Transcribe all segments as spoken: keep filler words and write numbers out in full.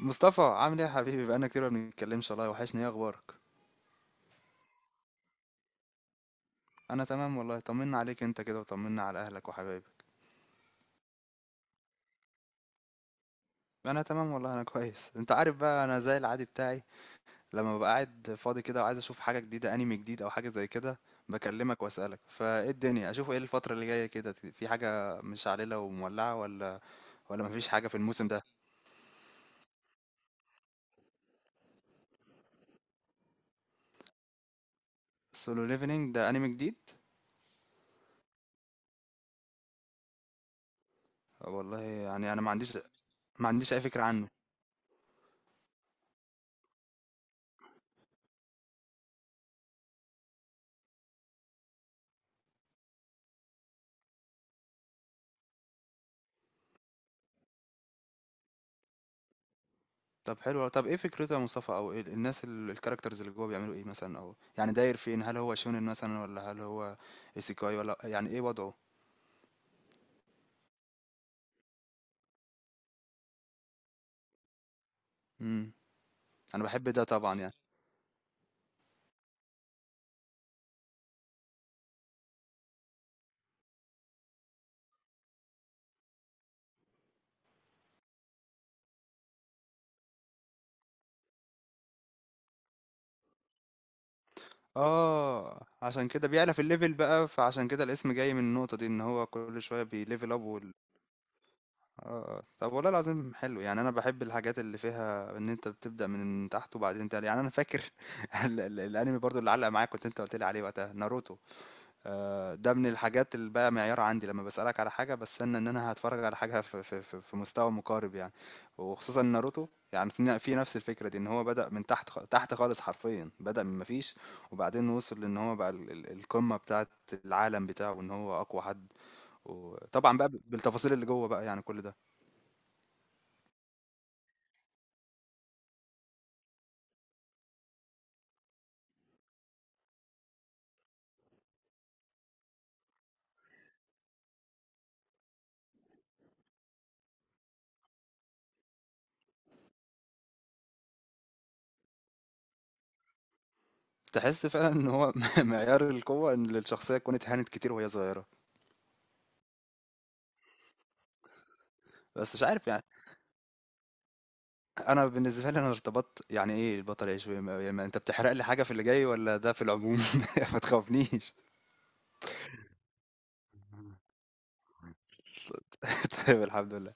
مصطفى، عامل ايه يا حبيبي؟ بقالنا كتير ما بنتكلمش والله وحشني. ايه اخبارك؟ انا تمام والله. طمنا عليك انت كده، وطمنا على اهلك وحبايبك. انا تمام والله، انا كويس. انت عارف بقى انا زي العادي بتاعي، لما ببقى قاعد فاضي كده وعايز اشوف حاجه جديده، انمي جديد او حاجه زي كده، بكلمك واسالك فايه الدنيا، اشوف ايه الفتره اللي جايه كده، في حاجه مش عليله ومولعه ولا ولا مفيش حاجه في الموسم ده؟ سولو ليفلينج ده انمي جديد؟ والله يعني انا ما عنديش، ما عنديش اي فكره عنه. طب حلو أوي. طب إيه فكرته يا مصطفى؟ أو إيه ال- الناس، ال- الكاركترز اللي جوه بيعملوا إيه مثلا، أو يعني داير فين؟ هل هو شونين مثلا، ولا هل هو إيسيكاي، ولا يعني إيه وضعه؟ امم أنا بحب ده طبعا يعني. آه، عشان كده بيعلى في الليفل بقى، فعشان كده الاسم جاي من النقطة دي، إن هو كل شوية بيليفل أب وال... آه. آه. طب والله العظيم حلو. يعني أنا بحب الحاجات اللي فيها إن أنت بتبدأ من تحت وبعدين تعلى. يعني أنا فاكر ال- ال- الأنمي برضو اللي علق معايا كنت أنت قلت لي عليه وقتها، ناروتو. آه، ده من الحاجات اللي بقى معيار عندي، لما بسألك على حاجة بستنى ان انا هتفرج على حاجة في في في في مستوى مقارب يعني. وخصوصا ناروتو، يعني في ن- في نفس الفكرة دي، ان هو بدأ من تحت، خ- تحت خالص، حرفيا بدأ من مفيش، وبعدين وصل ان هو بقى ال- ال- القمة بتاعت العالم بتاعه، ان هو اقوى حد. وطبعا بقى ب- بالتفاصيل اللي جوه بقى يعني كل ده. تحس فعلا ان هو معيار القوة، ان الشخصية كانت هانت كتير وهي صغيرة. بس مش عارف يعني، انا بالنسبه لي انا ارتبطت. يعني ايه البطل يعيش ويم- ويم- انت بتحرق لي حاجه في اللي جاي، ولا ده في العموم؟ ما تخافنيش. طيب الحمد لله.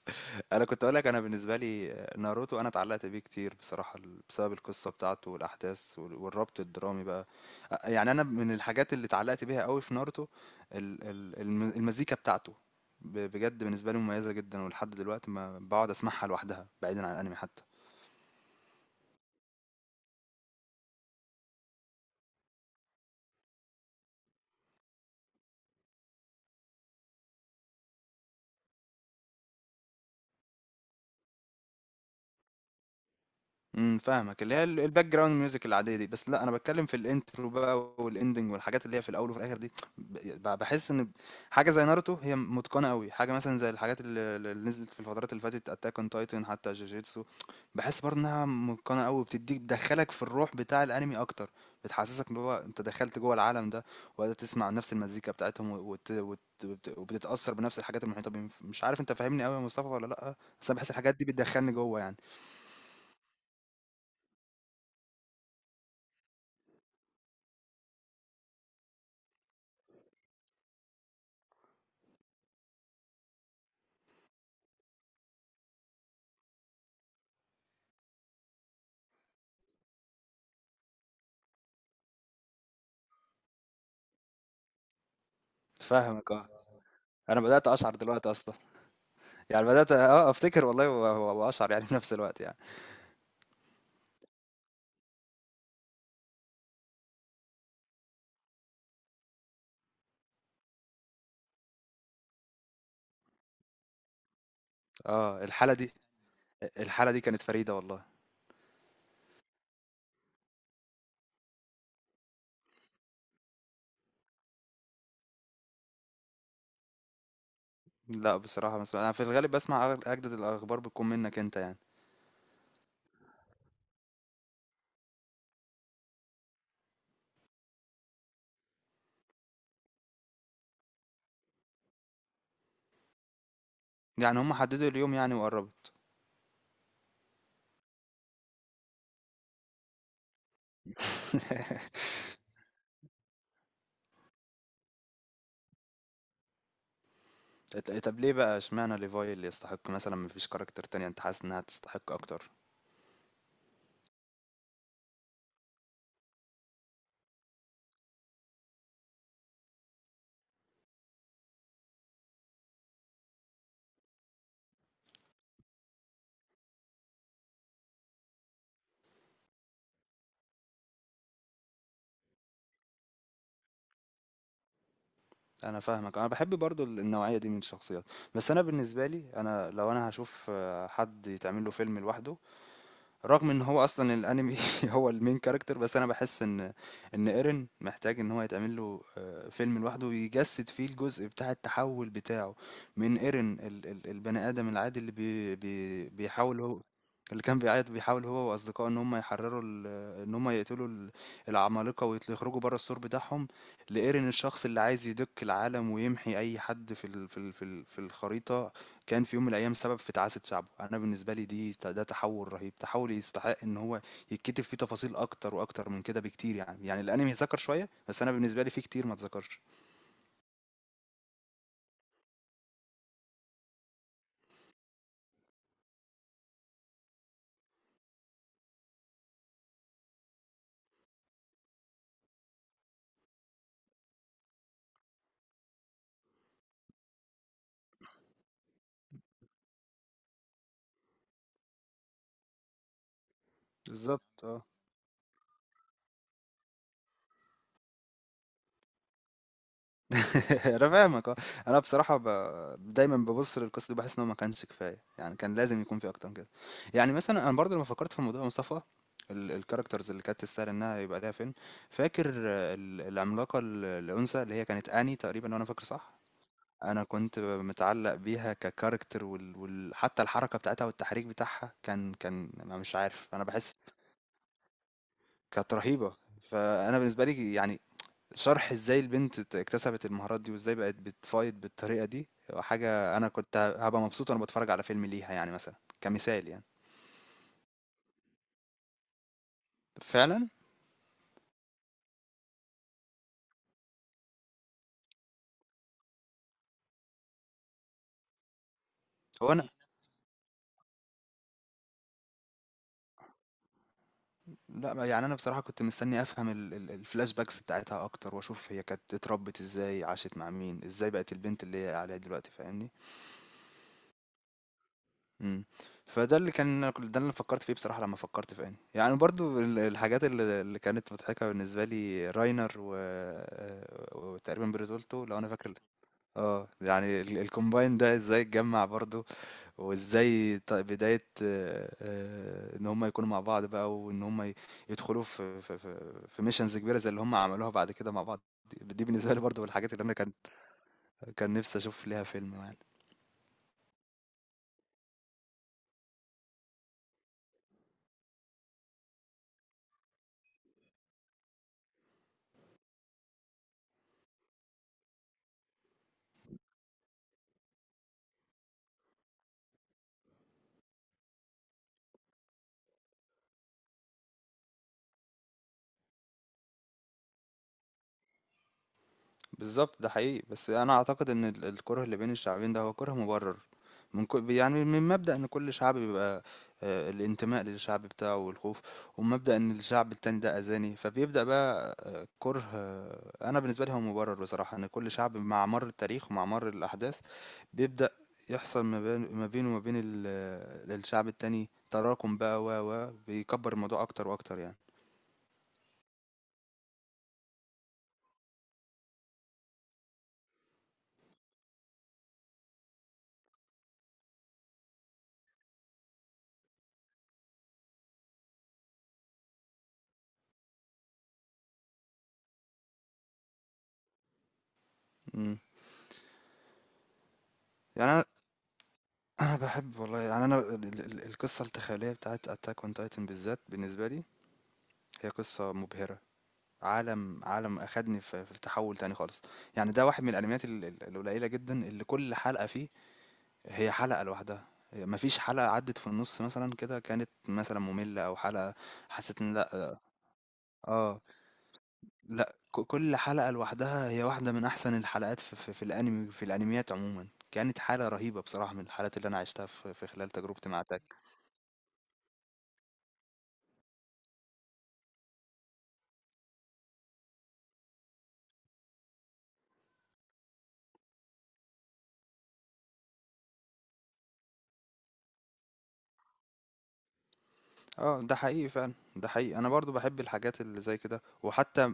انا كنت اقول لك، انا بالنسبه لي ناروتو انا اتعلقت بيه كتير بصراحه، ال- بسبب القصه بتاعته والاحداث وال- والربط الدرامي بقى. أ- يعني انا من الحاجات اللي اتعلقت بيها قوي في ناروتو، ال- ال- الم- المزيكا بتاعته. ب- بجد بالنسبه لي مميزه جدا، ولحد دلوقتي ما بقعد اسمعها لوحدها بعيدا عن الانمي حتى. إمم، فاهمك، اللي هي ال الbackground music العادية دي، بس لأ أنا باتكلم في الintro بقى والending والحاجات اللي هي في الأول وفي الآخر دي. ب ب باحس إن حاجة زي ناروتو هي متقنة أوي، حاجة مثلًا زي الحاجات ال اللي نزلت في الفترات اللي فاتت Attack on Titan، حتى جوجيتسو، باحس برضه إنها متقنة أوي، وبتدّيك بتدخّلك في الروح بتاع الأنمي أكتر، بتحسسك إن هو أنت دخلت جوّه العالم ده، وقاعد تسمع نفس المزيكا بتاعتهم وت وت وت وبت- وبتتأثّر بنفس الحاجات المحيطة بيهم. ف مش عارف أنت فاهمني أوي يا مصطفى والّا لأ؟ بس أنا باحس الحاجات دي بتدخّلني جوّه يعني. فاهمك آه. أنا بدأت أشعر دلوقتي أصلًا، يعني بدأت آه أفتكر والله و و وأشعر يعني في نفس الوقت يعني. آه الحالة دي، أ الحالة دي كانت فريدة والله. لأ بصراحة باسمع، أنا في الغالب باسمع أغ أجدد الأخبار بتكون منك أنت يعني. يعني هُم حددوا اليوم يعني، وقرّبت. ط طب ليه بقى اشمعنى levi اللي يستحق مثلًا؟ ما فيش character تانية أنت حاسس إنها تستحق أكتر؟ أنا فاهمك، أنا باحب برضه ال النوعية دي من الشخصيات. بس أنا بالنسبة لي، أنا لو أنا هاشوف حد يتعمل له فيلم لوحده، رغم إن هو أصلًا الأنمي هو الmain character، بس أنا باحس إن، إن Eren محتاج إن هو يتعمل له آآ فيلم لوحده، يجسد فيه الجزء بتاع التحول بتاعه، من Eren ال ال البني آدم العادي اللي بي بي بيحاول هو، اللي كان بيعيط، بيحاول هو وأصدقائه إن هُم يحرروا ال، إن هُم يقتلوا ال، العمالقة، ويطل يخرجوا برّه السور بتاعهم، لEren الشخص اللي عايز يدُك العالم ويمحي أي حد في ال في ال في ال في الخريطة، كان في يوم من الأيام سبب في تعاسة شعبه. أنا بالنسبة لي دي ت ده تحوّل رهيب، تحوّل يستحق إن هو يتكتب فيه تفاصيل أكتر وأكتر من كده بكتير يعني. يعني الأنمي اتذكر شوية، بس أنا بالنسبة لي في كتير ما اتذكرش. بالضبط آه. أنا فاهمك آه. أنا بصراحة ب دايمًا بابُص للقصة دي، باحس إن هو ما كانش كفاية، يعني كان لازم يكون في أكتر من كده. يعني مثلًا أنا برضه لمّا فكّرت في موضوع مصطفى، ال الcharacters اللي كانت تستاهل إنها يبقى ليها فيلم، فاكر آه، ال العملاقة ال الأنثى اللي هي كانت أني تقريبًا، لو أنا فاكر صح؟ أنا كنت متعلّق بيها كcharacter، وال وال حتى الحركة بتاعتها والتحريك بتاعها كان كان أنا مش عارف، أنا باحس كانت رهيبة. فأنا بالنسبة لي يعني، شرح إزاي البنت ت اكتسبت المهارات دي، وإزاي بقت بتfight بالطريقة دي، حاجة أنا كنت هابقى مبسوط وأنا باتفرّج على فيلم ليها يعني مثلًا، كمثال يعني. فعلًا. هو أنا، إمم. لأ، يعني أنا بصراحة كنت مستني أفهم ال ال الflashbacks بتاعتها أكتر، وأشوف هي كانت اتربّت إزاي، عاشت مع مين، إزاي بقت البنت اللي هي عليها دلوقتي، فاهمني؟ إمم. فده اللي كان ك ده اللي انا فكّرت فيه بصراحة لمّا فكّرت في أني. يعني برضه ال الحاجات ال اللي كانت مضحكة بالنسبة لي راينر و آآ وتقريبًا بريتولتو لو أنا فاكر. آه. يعني ال الcombine ده إزاي اتجمّع برضه، وإزاي ت بداية آآ إن هم يكونوا مع بعض بقى، وإن هم ي يدخلوا في في في في missions كبيرة زي اللي هم عملوها بعد كده مع بعض. دي دي بالنسبة لي برضه من الحاجات اللي أنا كان كان نِفْسي أشوف ليها فيلم يعني. بالظبط، ده حقيقي. بس انا اعتقد ان ال- الكره اللي بين الشعبين ده هو كره مبرر، من كل يعني من مبدأ ان كل شعب بيبقى آه، الانتماء للشعب بتاعه والخوف، ومبدأ ان الشعب التاني ده اذاني فبيبدأ بقى آه، كره آه، انا بالنسبة لي هو مبرر بصراحة. ان كل شعب مع مر التاريخ ومع مر الاحداث بيبدأ يحصل ما بين- ما بينه وما بين ال- الشعب التاني تراكم بقى، و و بيكبر الموضوع اكتر واكتر يعني. مم. يعني انا، أنا باحب والله، يعني أنا ال ال القصة التخيلية بتاعة Attack on Titan بالذات بالنسبة لي هي قصة مبهرة، عالم عالم أخدني في في تحوّل تاني خالص، يعني ده واحد من الأنميات ال ال القليلة جدًا اللي كل حلقة فيه هي حلقة لوحدها، هي ما فيش حلقة عدّت في النُص مثلًا كده كانت مثلًا مملة أو حلقة حسيت إن لأ، آه، لأ، ك كل حلقة لوحدها هي واحدة من أحسن الحلقات في في في الأنمي، في الأنميات عمومًا. كانت حالة رهيبة بصراحة من الحالات اللي أنا عِشتها في في خلال تجربتي مع Attack. اه ده حقيقي فعلا، ده حقيقي. انا برضو بحب الحاجات اللي زي كده. وحتى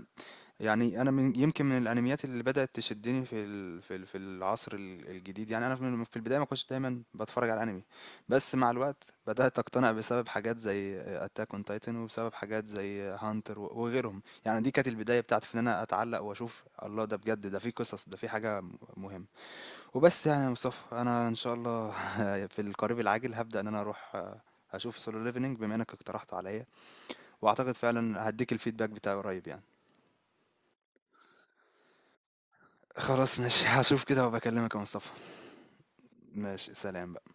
يعني انا من يمكن من الانميات اللي بدأت تشدني في ال في ال في العصر ال- الجديد، يعني انا في من- في البداية ما كنتش دايما بتفرج على انمي، بس مع الوقت بدأت اقتنع بسبب حاجات زي اتاك اون تايتن، وبسبب حاجات زي هانتر وغيرهم. يعني دي كانت البداية بتاعتي في ان انا اتعلق واشوف الله ده بجد، ده في قصص، ده في حاجة م- مهمة. وبس يعني يا مصطفى، انا ان شاء الله في القريب العاجل هبدأ ان انا اروح آه، اشوف سولو ليفلنج بما انك اقترحته عليا، واعتقد فعلا هديك الفيدباك بتاعي قريب يعني. خلاص ماشي، هشوف كده وبكلمك يا مصطفى. ماشي، سلام بقى.